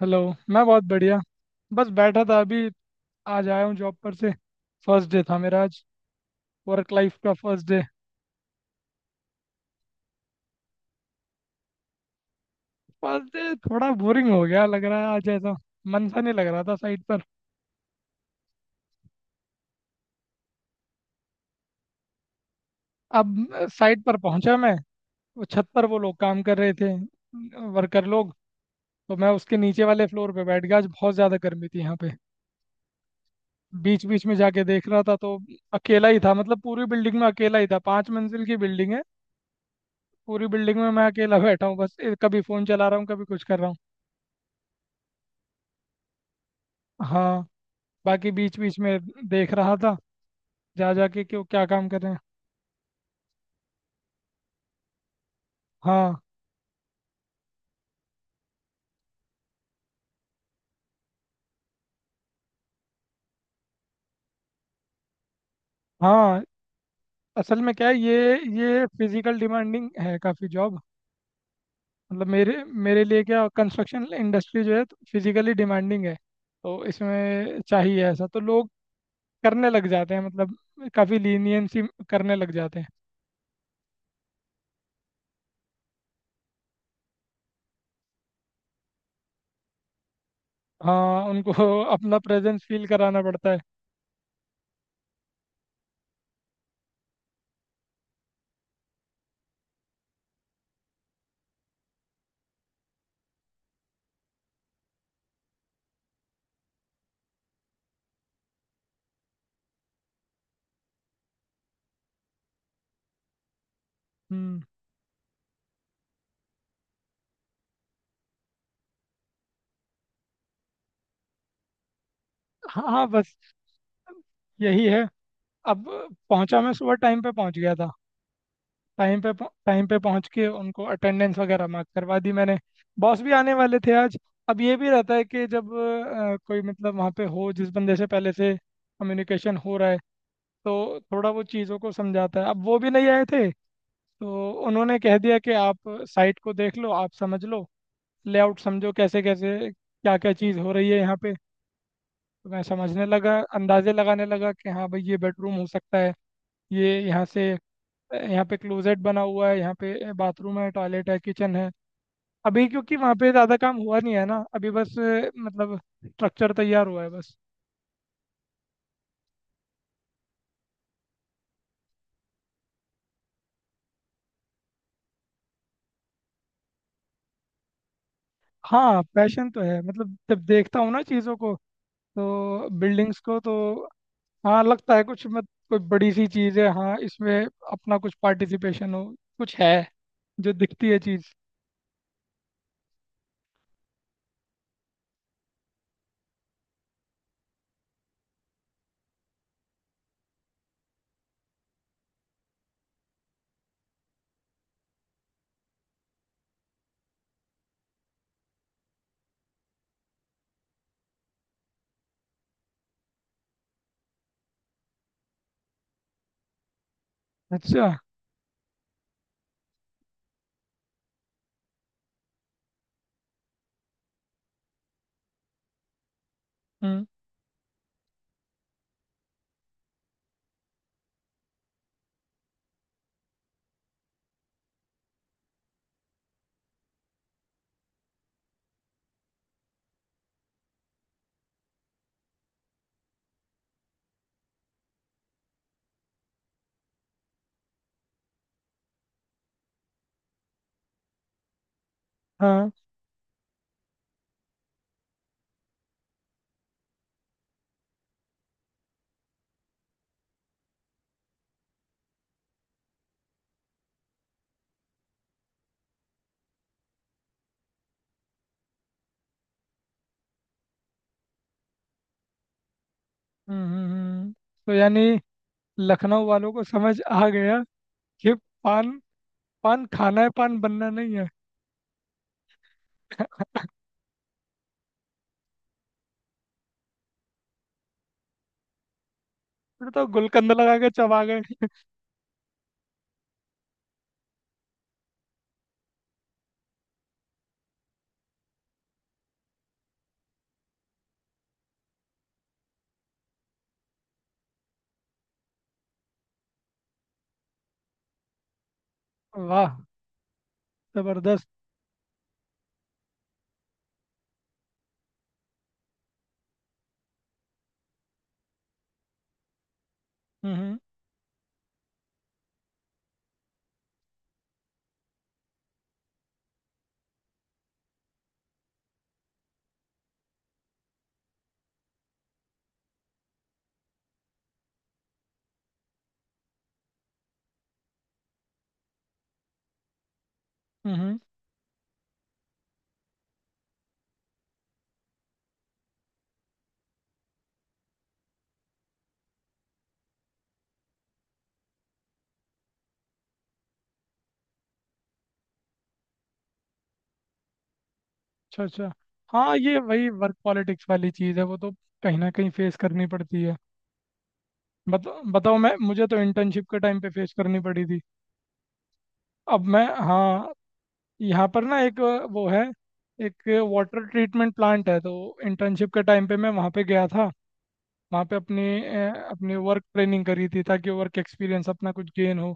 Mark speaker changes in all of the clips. Speaker 1: Hello. मैं बहुत बढ़िया, बस बैठा था अभी। आज आया हूँ जॉब पर से। फर्स्ट डे था मेरा आज। वर्क लाइफ का फर्स्ट डे। फर्स्ट डे थोड़ा बोरिंग हो गया लग रहा है आज ऐसा। मन सा नहीं लग रहा था साइट पर। अब साइट पर पहुंचा मैं। वो छत पर वो लोग काम कर रहे थे, वर्कर लोग। तो मैं उसके नीचे वाले फ्लोर पे बैठ गया। आज बहुत ज़्यादा गर्मी थी यहाँ पे। बीच बीच में जाके देख रहा था तो अकेला ही था। मतलब पूरी बिल्डिंग में अकेला ही था। 5 मंजिल की बिल्डिंग है। पूरी बिल्डिंग में मैं अकेला बैठा हूँ बस। कभी फ़ोन चला रहा हूँ, कभी कुछ कर रहा हूँ। हाँ, बाकी बीच बीच में देख रहा था जा जाके कि वो क्या काम कर रहे हैं। हाँ। हाँ, असल में क्या है ये फिजिकल डिमांडिंग है काफ़ी जॉब। मतलब मेरे मेरे लिए क्या, कंस्ट्रक्शन इंडस्ट्री जो है फिजिकली डिमांडिंग है। तो इसमें चाहिए ऐसा, तो लोग करने लग जाते हैं मतलब काफ़ी लीनियंसी करने लग जाते हैं। हाँ उनको अपना प्रेजेंस फील कराना पड़ता है। हम्म। हाँ हाँ, बस यही है। अब पहुंचा मैं, सुबह टाइम पे पहुंच गया था। टाइम पे, टाइम पे पहुंच के उनको अटेंडेंस वगैरह मार्क करवा दी मैंने। बॉस भी आने वाले थे आज। अब ये भी रहता है कि जब कोई मतलब वहाँ पे हो जिस बंदे से पहले से कम्युनिकेशन हो रहा है तो थोड़ा वो चीज़ों को समझाता है। अब वो भी नहीं आए थे, तो उन्होंने कह दिया कि आप साइट को देख लो, आप समझ लो, लेआउट समझो कैसे कैसे क्या क्या चीज़ हो रही है यहाँ पे। तो मैं समझने लगा, अंदाजे लगाने लगा कि हाँ भाई ये बेडरूम हो सकता है, ये यहाँ से, यहाँ पे क्लोजेट बना हुआ है, यहाँ पे बाथरूम है, टॉयलेट है, किचन है। अभी क्योंकि वहाँ पे ज़्यादा काम हुआ नहीं है ना अभी बस, मतलब स्ट्रक्चर तैयार हुआ है बस। हाँ पैशन तो है, मतलब जब देखता हूँ ना चीज़ों को, तो बिल्डिंग्स को तो, हाँ लगता है कुछ मत, कोई बड़ी सी चीज़ है, हाँ इसमें अपना कुछ पार्टिसिपेशन हो, कुछ है जो दिखती है चीज़। अच्छा। हम्म। हाँ। हम्म हम्म हम्म। तो यानी लखनऊ वालों को समझ आ गया कि पान, पान खाना है पान बनना नहीं है। फिर तो गुलकंद लगा के चबा गए। वाह, जबरदस्त। हम्म हम्म। अच्छा अच्छा, हाँ ये वही वर्क पॉलिटिक्स वाली चीज़ है, वो तो कहीं ना कहीं फेस करनी पड़ती है। बताओ बताओ, मैं, मुझे तो इंटर्नशिप के टाइम पे फेस करनी पड़ी थी। अब मैं, हाँ, यहाँ पर ना एक वो है, एक वाटर ट्रीटमेंट प्लांट है तो। इंटर्नशिप के टाइम पे मैं वहाँ पे गया था, वहाँ पे अपनी अपनी वर्क ट्रेनिंग करी थी ताकि वर्क एक्सपीरियंस अपना कुछ गेन हो।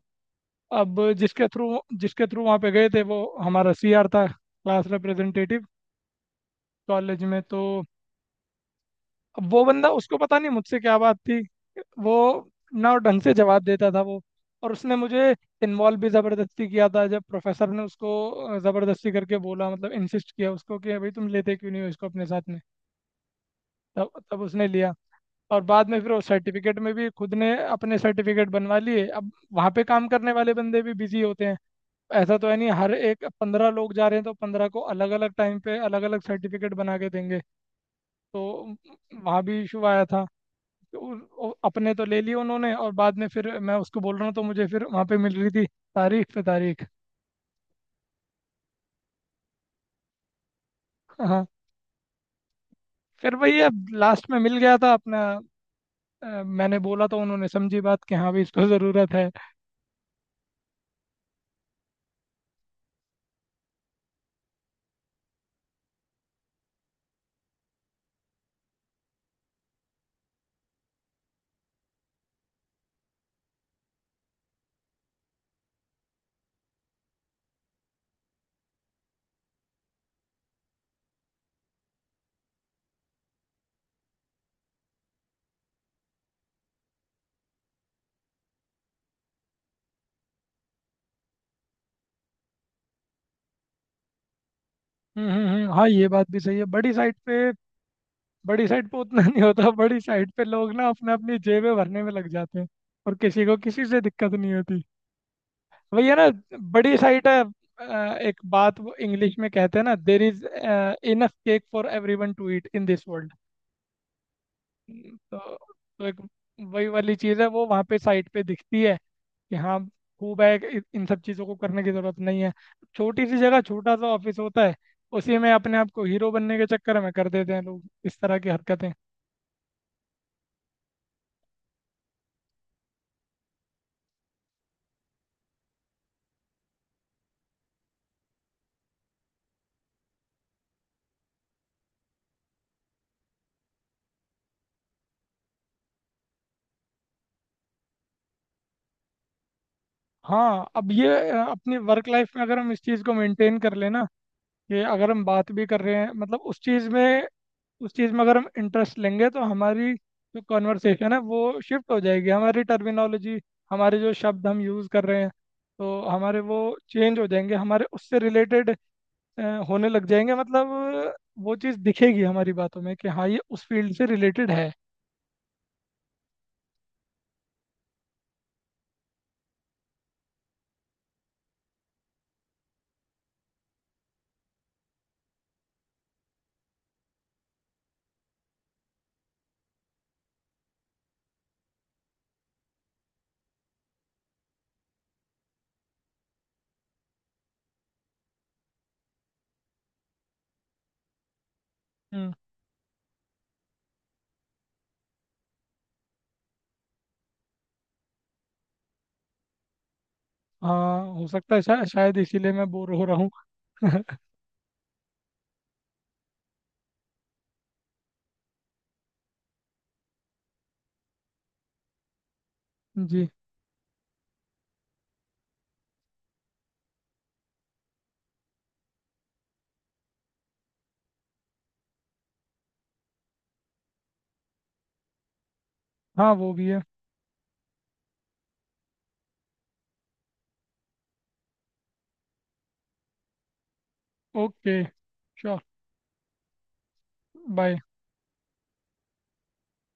Speaker 1: अब जिसके थ्रू, जिसके थ्रू वहाँ पे गए थे वो हमारा सीआर था, क्लास रिप्रेजेंटेटिव कॉलेज में तो। अब वो बंदा, उसको पता नहीं मुझसे क्या बात थी, वो ना ढंग से जवाब देता था वो। और उसने मुझे इन्वॉल्व भी ज़बरदस्ती किया था जब प्रोफेसर ने उसको ज़बरदस्ती करके बोला, मतलब इंसिस्ट किया उसको कि भाई तुम लेते क्यों नहीं हो इसको अपने साथ में। तब तब उसने लिया। और बाद में फिर वो सर्टिफिकेट में भी खुद ने अपने सर्टिफिकेट बनवा लिए। अब वहाँ पे काम करने वाले बंदे भी बिजी होते हैं, ऐसा तो है नहीं। हर एक 15 लोग जा रहे हैं तो 15 को अलग अलग टाइम पे अलग अलग सर्टिफिकेट बना के देंगे। तो वहाँ भी इशू आया था। तो अपने तो ले लिए उन्होंने, और बाद में फिर मैं उसको बोल रहा हूँ तो मुझे फिर वहाँ पे मिल रही थी तारीख पे तारीख। हाँ। फिर वही, अब लास्ट में मिल गया था अपना। मैंने बोला तो उन्होंने समझी बात कि हाँ भाई इसको ज़रूरत है। हाँ ये बात भी सही है। बड़ी साइट पे, बड़ी साइट पे उतना नहीं होता। बड़ी साइट पे लोग ना अपने अपनी जेबें भरने में लग जाते हैं और किसी को किसी से दिक्कत नहीं होती। वही है ना, बड़ी साइट है। एक बात वो इंग्लिश में कहते हैं ना, there is enough cake for everyone to eat in this world. तो तो एक वही वाली चीज़ है, वो वहाँ पे साइट पे दिखती है कि हाँ खूब है, इन सब चीज़ों को करने की ज़रूरत नहीं है। छोटी सी जगह छोटा सा ऑफिस होता है, उसी में अपने आप को हीरो बनने के चक्कर में कर देते हैं लोग इस तरह की हरकतें। हाँ अब ये, अपनी वर्क लाइफ में अगर हम इस चीज़ को मेंटेन कर लेना कि अगर हम बात भी कर रहे हैं मतलब उस चीज़ में, उस चीज़ में अगर हम इंटरेस्ट लेंगे तो हमारी जो कॉन्वर्सेशन है वो शिफ्ट हो जाएगी, हमारी टर्मिनोलॉजी, हमारे जो शब्द हम यूज़ कर रहे हैं तो हमारे वो चेंज हो जाएंगे, हमारे उससे रिलेटेड होने लग जाएंगे। मतलब अ, वो चीज़ दिखेगी हमारी बातों में कि हाँ ये उस फील्ड से रिलेटेड है। हम्म, हाँ हो सकता है, शायद इसीलिए मैं बोर हो रहा हूँ। जी। हाँ वो भी है। Okay, sure, bye.